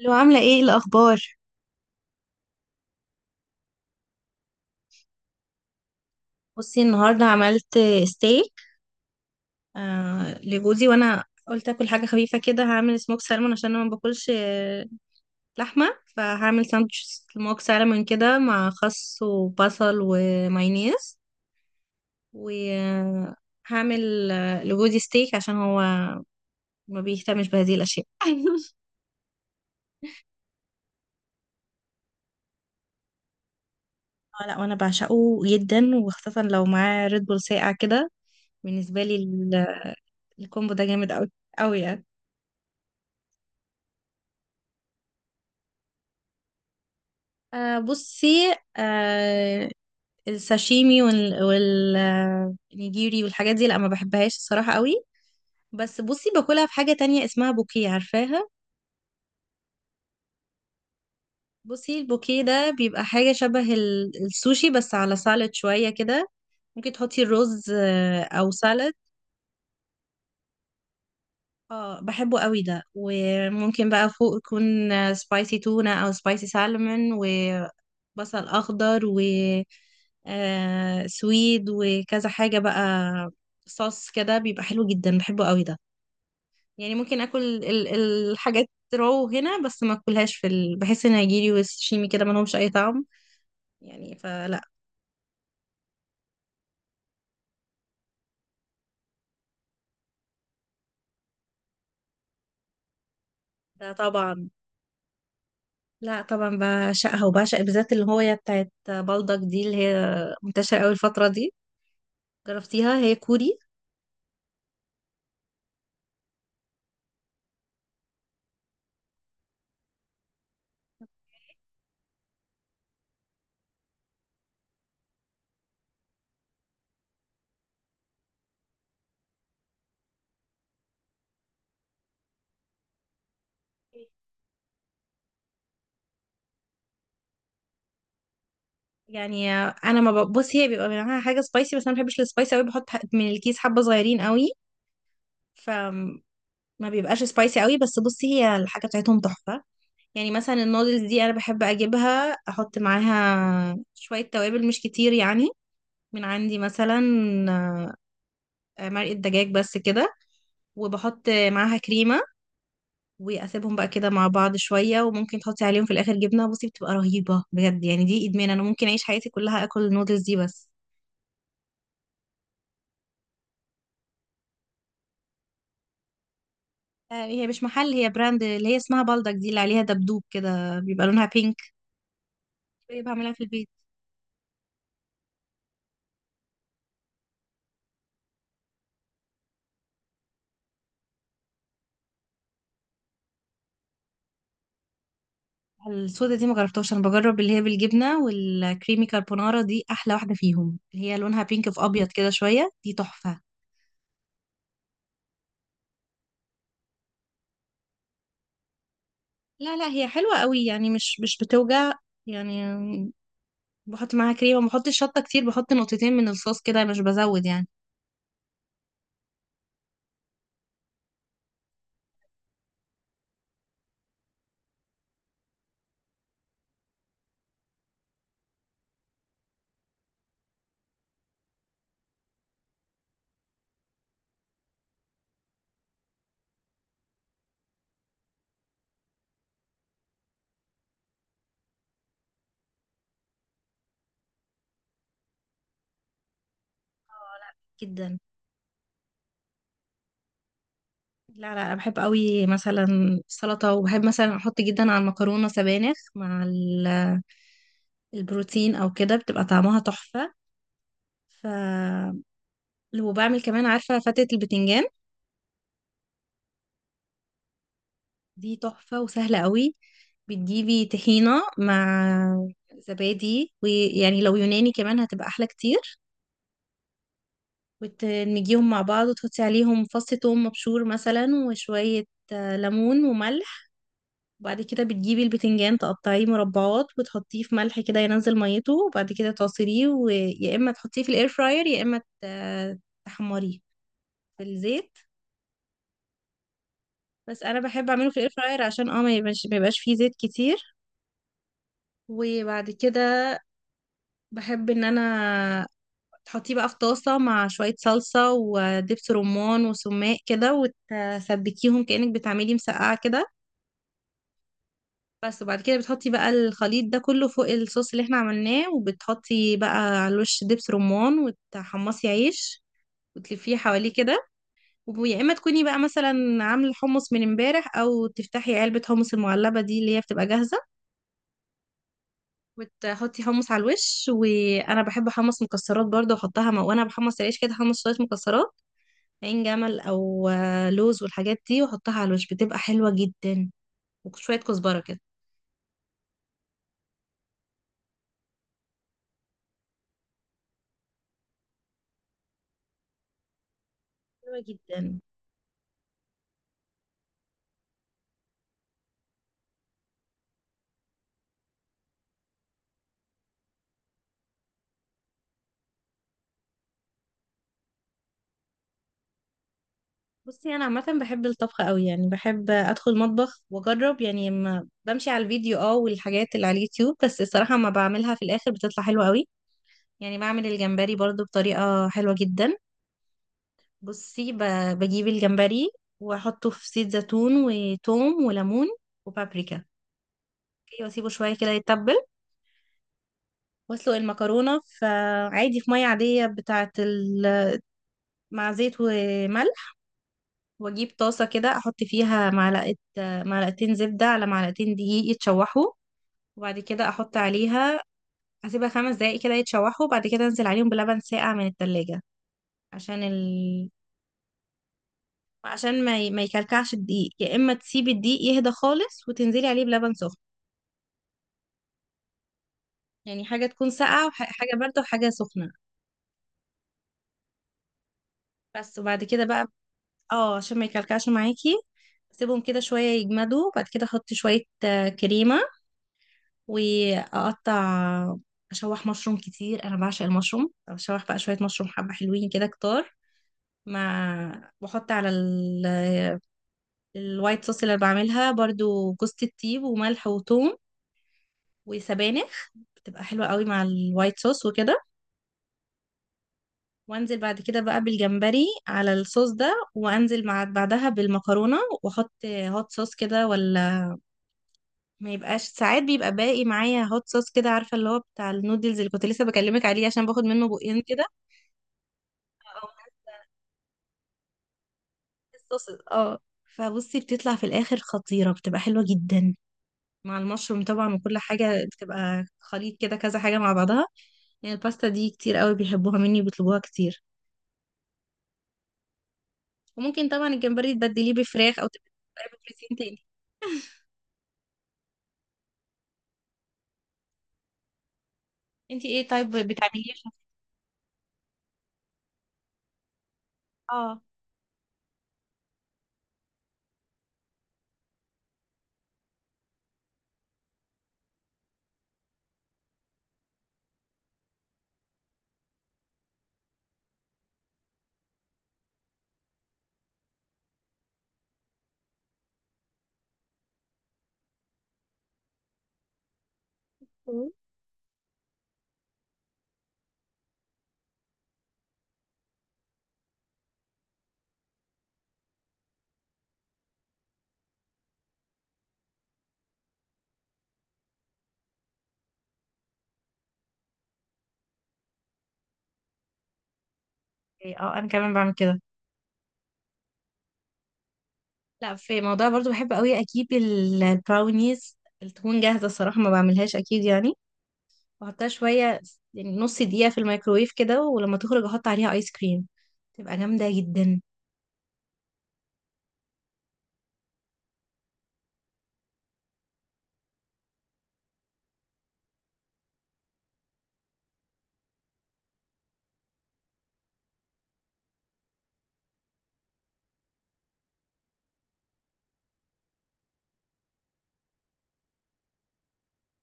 لو عاملة ايه الأخبار؟ بصي، النهاردة عملت ستيك لجوزي، وأنا قلت أكل حاجة خفيفة كده، هعمل سموك سالمون عشان أنا ما باكلش لحمة، فهعمل ساندوتش سموك سالمون كده مع خس وبصل ومايونيز. وهعمل لجوزي ستيك عشان هو ما بيهتمش بهذه الأشياء. لا، وأنا بعشقه جدا، وخاصة لو معاه ريد بول ساقع كده. بالنسبة لي الكومبو ده جامد أوي، أوي يعني. بصي، الساشيمي والنيجيري والحاجات دي، لا، ما بحبهاش الصراحة قوي. بس بصي، باكلها في حاجة تانية اسمها بوكيه، عارفاها؟ بصي، البوكيه ده بيبقى حاجة شبه السوشي، بس على سالاد شوية كده. ممكن تحطي الرز، أو سالاد. اه، بحبه قوي ده. وممكن بقى فوق يكون سبايسي تونة او سبايسي سالمون وبصل اخضر و سويد، وكذا حاجة بقى، صوص كده بيبقى حلو جدا، بحبه قوي ده. يعني ممكن اكل الحاجات رو هنا، بس ما اكلهاش في بحس ان هيجيلي وشيمي كده، ما لهمش اي طعم يعني، فلا. ده طبعا. لا طبعا، بعشقها، وبعشق بالذات اللي هو هي بتاعت بلدك دي، اللي هي منتشرة قوي الفترة دي. جربتيها؟ هي كوري. يعني انا ما ب- بص، هي بيبقى معاها حاجه سبايسي، بس انا ما بحبش السبايسي قوي، بحط من الكيس حبه صغيرين قوي، فما بيبقاش سبايسي قوي. بس بصي، هي الحاجه بتاعتهم تحفه يعني. مثلا النودلز دي انا بحب اجيبها، احط معاها شويه توابل مش كتير يعني، من عندي مثلا مرقه دجاج، بس كده. وبحط معاها كريمه، واسيبهم بقى كده مع بعض شويه. وممكن تحطي عليهم في الاخر جبنه، بصي، بتبقى رهيبه بجد يعني. دي ادمان، انا ممكن اعيش حياتي كلها اكل النودلز دي بس. هي مش محل، هي براند اللي هي اسمها بلدك دي، اللي عليها دبدوب كده، بيبقى لونها بينك. هي بعملها في البيت. السودة دي ما جربتهاش. انا بجرب اللي هي بالجبنه والكريمي كاربونارا، دي احلى واحده فيهم، اللي هي لونها بينك في ابيض كده شويه، دي تحفه. لا لا، هي حلوه قوي يعني، مش بتوجع يعني. بحط معاها كريمه، ما بحطش شطه كتير، بحط نقطتين من الصوص كده، مش بزود يعني. اه. لا. جدا. لا لا، انا بحب قوي مثلا السلطه. وبحب مثلا احط جدا على المكرونه سبانخ مع البروتين او كده، بتبقى طعمها تحفه. ف وبعمل كمان، عارفه فتة البتنجان؟ دي تحفه وسهله قوي. بتجيبي طحينه مع زبادي، ويعني لو يوناني كمان هتبقى احلى كتير، وتدمجيهم مع بعض، وتحطي عليهم فص ثوم مبشور مثلا، وشويه ليمون وملح. وبعد كده بتجيبي البتنجان، تقطعيه مربعات وتحطيه في ملح كده، ينزل ميته، وبعد كده تعصريه، ويا اما تحطيه في الاير فراير، يا اما تحمريه في الزيت. بس انا بحب اعمله في الاير فراير، عشان ما يبقاش فيه زيت كتير. وبعد كده بحب ان انا تحطيه بقى في طاسة مع شوية صلصة ودبس رمان وسماق كده، وتسبكيهم كأنك بتعملي مسقعة كده. بس، وبعد كده بتحطي بقى الخليط ده كله فوق الصوص اللي احنا عملناه، وبتحطي بقى على الوش دبس رمان، وتحمصي عيش وتلفيه حواليه كده. ويا اما تكوني بقى مثلا عامله الحمص من امبارح، او تفتحي علبه حمص المعلبه دي اللي هي بتبقى جاهزه، وتحطي حمص على الوش. وانا بحب احمص مكسرات برضه، احطها مع-، وانا بحمص العيش كده، احمص شويه مكسرات، عين جمل او لوز والحاجات دي، واحطها على الوش، بتبقى حلوه جدا، وشويه كزبره كده. حلوه جدا. بصي، انا عامه بحب الطبخ قوي يعني، بحب ادخل مطبخ واجرب يعني. ما بمشي على الفيديو والحاجات اللي على اليوتيوب، بس الصراحه ما بعملها في الاخر بتطلع حلوه قوي. يعني بعمل الجمبري برضو بطريقه حلوه جدا. بصي، بجيب الجمبري واحطه في زيت زيتون وتوم وليمون وبابريكا. اوكي، واسيبه شويه كده يتبل، واسلق المكرونه في، عادي، في ميه عاديه مع زيت وملح. واجيب طاسه كده، احط فيها معلقه، معلقتين زبده على معلقتين دقيق يتشوحوا، وبعد كده احط عليها، اسيبها 5 دقايق كده يتشوحوا، وبعد كده انزل عليهم بلبن ساقع من التلاجة، عشان عشان ما يكلكعش الدقيق. يا اما تسيبي الدقيق يهدى خالص وتنزلي عليه بلبن سخن، يعني حاجه تكون ساقعه وحاجه بارده وحاجه سخنه، بس. وبعد كده بقى، اه عشان ما يكلكعش معاكي، سيبهم كده شويه يجمدوا، وبعد كده احط شويه كريمه واقطع، اشوح مشروم كتير، انا بعشق المشروم، اشوح بقى شويه مشروم حبه حلوين كده كتار. مع بحط على الوايت صوص اللي أنا بعملها برضو، جوز الطيب وملح وثوم وسبانخ، بتبقى حلوه قوي مع الوايت صوص وكده. وانزل بعد كده بقى بالجمبري على الصوص ده، وانزل مع بعدها بالمكرونه، واحط هوت صوص كده، ولا ما يبقاش. ساعات بيبقى باقي معايا هوت صوص كده، عارفه اللي هو بتاع النودلز اللي كنت لسه بكلمك عليه، عشان باخد منه بقين كده، او تحت الصوص فبصي، بتطلع في الاخر خطيره، بتبقى حلوه جدا مع المشروم طبعا، وكل حاجه بتبقى خليط كده كذا حاجه مع بعضها. يعني الباستا دي كتير قوي بيحبوها مني وبيطلبوها كتير. وممكن طبعا الجمبري تبدليه بفراخ او تبدليه بروتين تاني. انتي ايه طيب بتعمليه عشان-؟ اه. إيه، انا كمان بعمل كده. لا، في موضوع برضو بحب قوي اجيب البراونيز التكون جاهزه، الصراحه ما بعملهاش اكيد يعني، واحطها شوية يعني نص دقيقة في الميكروويف كده، ولما تخرج احط عليها ايس كريم، تبقى جامدة جدا.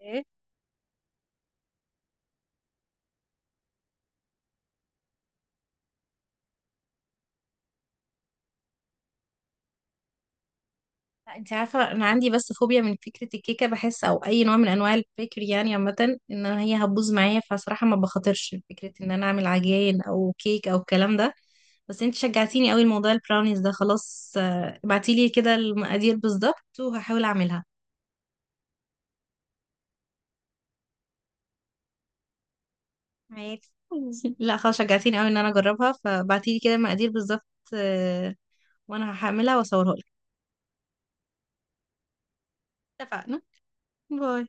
ايه، لا، انت عارفة، انا عندي بس فوبيا من فكرة الكيكة، بحس او اي نوع من انواع البيكري يعني عامة، ان أنا هي هتبوظ معايا، فصراحة ما بخاطرش فكرة ان انا اعمل عجين او كيك او الكلام ده. بس انت شجعتيني قوي، الموضوع البراونيز ده خلاص، ابعتيلي كده المقادير بالظبط وهحاول اعملها معاك. لا خلاص، شجعتيني قوي ان انا اجربها، فبعتيلي كده المقادير بالظبط، آه، وانا هعملها واصورها. اتفقنا. باي.